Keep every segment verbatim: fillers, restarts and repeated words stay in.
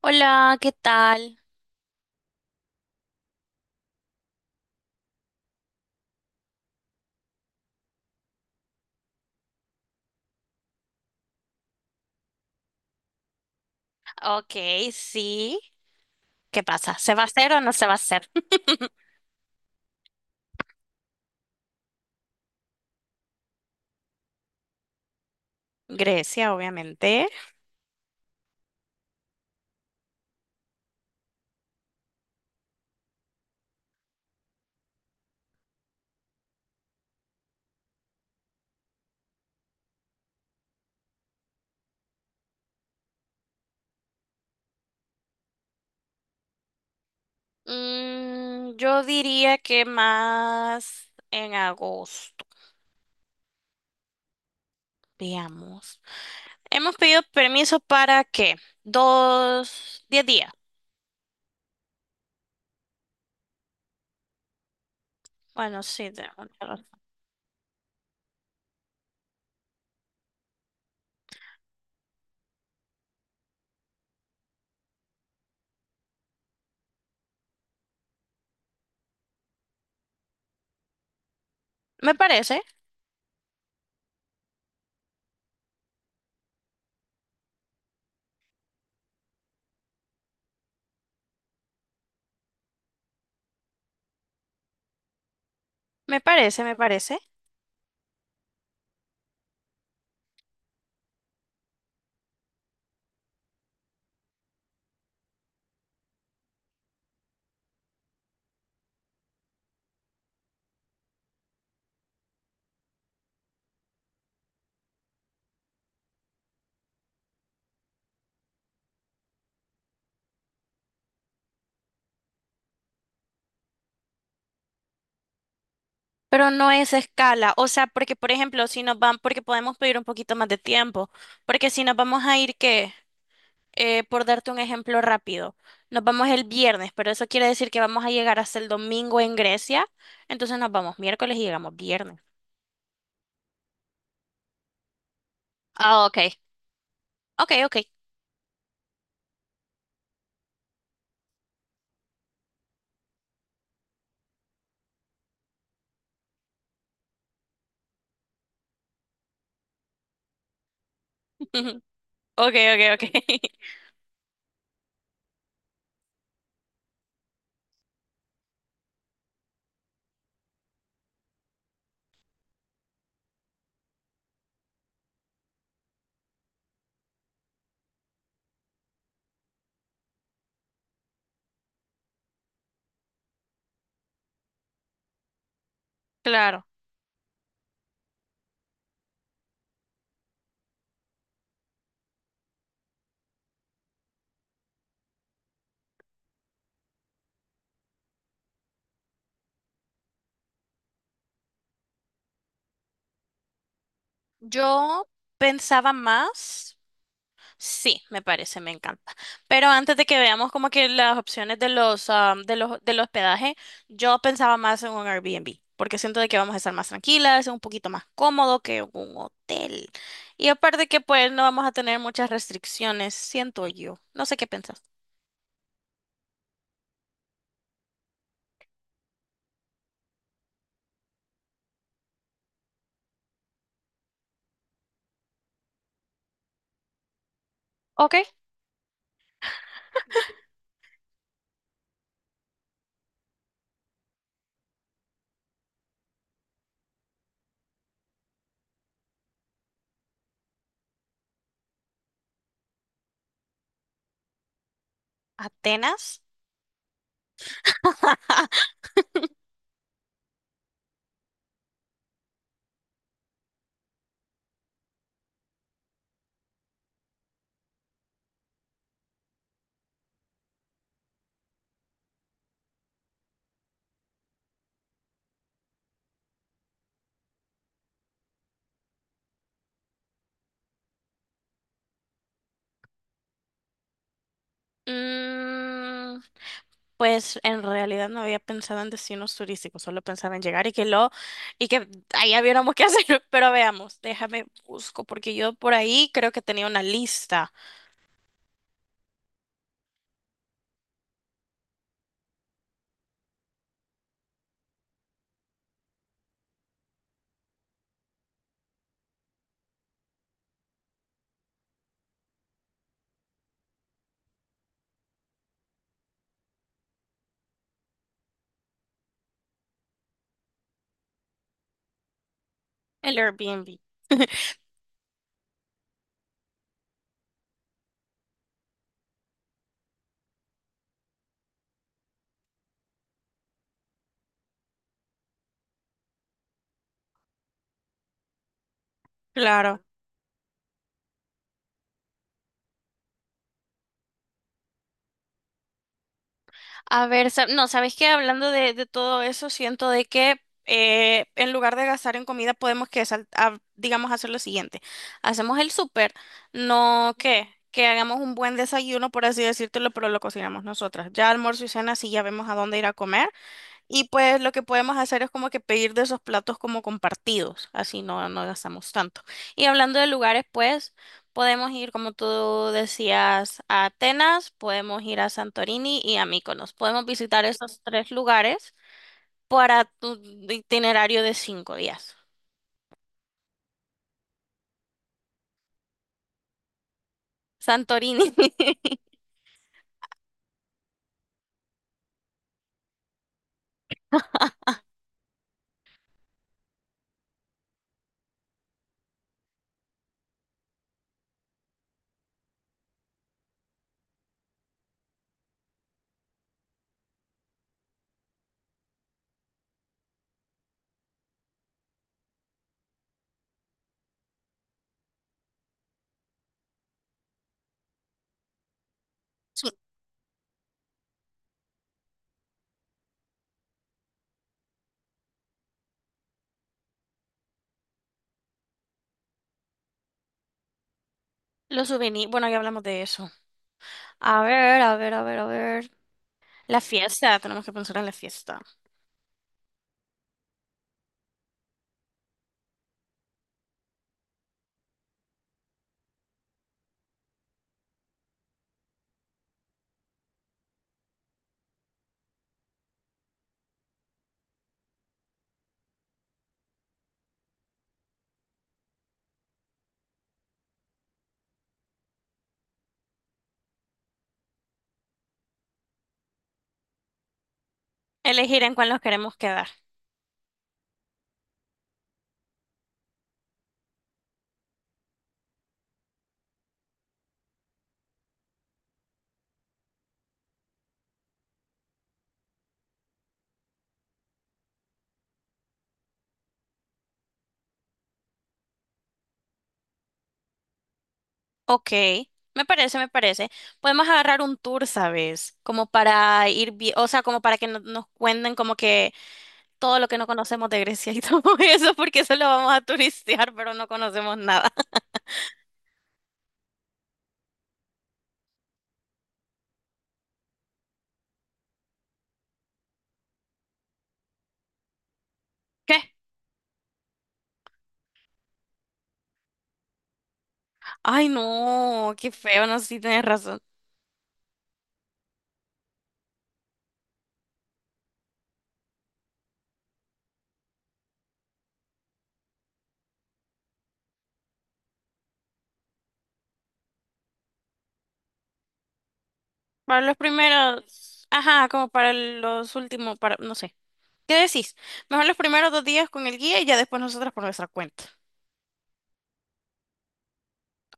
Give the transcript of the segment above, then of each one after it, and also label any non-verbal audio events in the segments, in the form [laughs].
Hola, ¿qué tal? Ok, sí. ¿Qué pasa? ¿Se va a hacer o no se va a hacer? [laughs] Grecia, obviamente. Mm, yo diría que más en agosto, veamos. Hemos pedido permiso para ¿qué? Dos, diez días. Bueno, sí, de- me parece, me parece, me parece. Pero no es escala, o sea, porque por ejemplo, si nos van, porque podemos pedir un poquito más de tiempo, porque si nos vamos a ir, ¿qué? Eh, por darte un ejemplo rápido, nos vamos el viernes, pero eso quiere decir que vamos a llegar hasta el domingo en Grecia, entonces nos vamos miércoles y llegamos viernes. Ah, ok. Ok, ok. [laughs] Ok, ok, ok. [laughs] Claro. Yo pensaba más. Sí, me parece, me encanta. Pero antes de que veamos como que las opciones de los, ah, de los, del hospedaje, yo pensaba más en un Airbnb, porque siento de que vamos a estar más tranquilas, un poquito más cómodo que un hotel. Y aparte que pues no vamos a tener muchas restricciones, siento yo. No sé qué pensás. Ok, Atenas. Mm, Pues en realidad no había pensado en destinos turísticos, solo pensaba en llegar y que lo y que allá viéramos qué hacer, [laughs] pero veamos, déjame busco porque yo por ahí creo que tenía una lista, el Airbnb. [laughs] Claro. A ver, sa- no, ¿sabes qué? Hablando de, de todo eso, siento de que eh, en lugar de gastar en comida podemos que sal- a- digamos hacer lo siguiente. Hacemos el súper, no que que hagamos un buen desayuno, por así decírtelo, pero lo cocinamos nosotras. Ya almuerzo y cena, sí, ya vemos a dónde ir a comer. Y pues lo que podemos hacer es como que pedir de esos platos como compartidos, así no, no gastamos tanto. Y hablando de lugares, pues podemos ir, como tú decías, a Atenas, podemos ir a Santorini y a Mykonos. Podemos visitar esos tres lugares para tu itinerario de cinco días. Santorini. [laughs] Los souvenirs, bueno, ya hablamos de eso. A ver, a ver, a ver, a ver. La fiesta, tenemos que pensar en la fiesta. Elegir en cuál nos queremos quedar. Ok, me parece, me parece. Podemos agarrar un tour, ¿sabes? Como para ir, vi- o sea, como para que no- nos cuenten como que todo lo que no conocemos de Grecia y [laughs] todo eso, porque solo vamos a turistear, pero no conocemos nada. [laughs] ¿Qué? Ay, no, qué feo, no sé si tienes razón. Para los primeros, ajá, como para los últimos, para, no sé. ¿Qué decís? Mejor los primeros dos días con el guía y ya después nosotras por nuestra cuenta.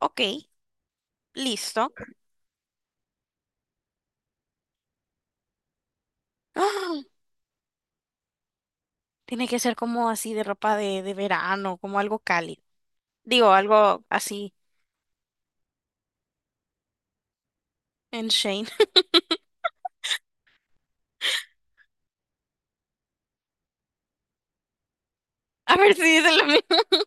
Ok, listo. [gasps] Tiene que ser como así de ropa de, de verano, como algo cálido. Digo, algo así en Shane. [laughs] A ver si dicen lo mismo.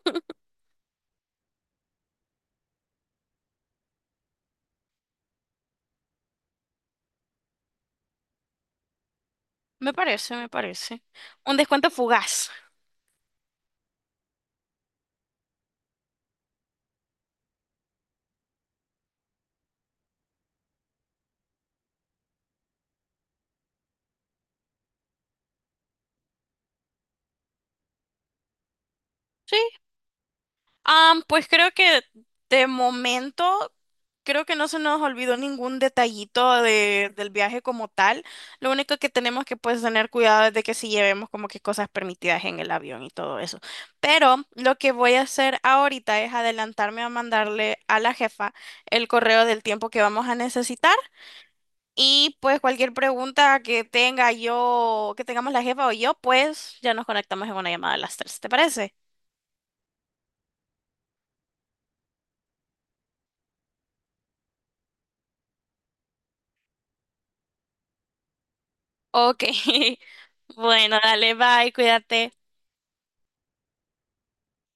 Me parece, me parece. Un descuento fugaz. Sí. Ah, pues creo que de momento, creo que no se nos olvidó ningún detallito de- del viaje como tal. Lo único que tenemos que pues tener cuidado es de que si llevemos como que cosas permitidas en el avión y todo eso. Pero lo que voy a hacer ahorita es adelantarme a mandarle a la jefa el correo del tiempo que vamos a necesitar y pues cualquier pregunta que tenga yo, que tengamos la jefa o yo, pues ya nos conectamos en una llamada a las tres. ¿Te parece? Ok. [laughs] Bueno, dale, bye, cuídate.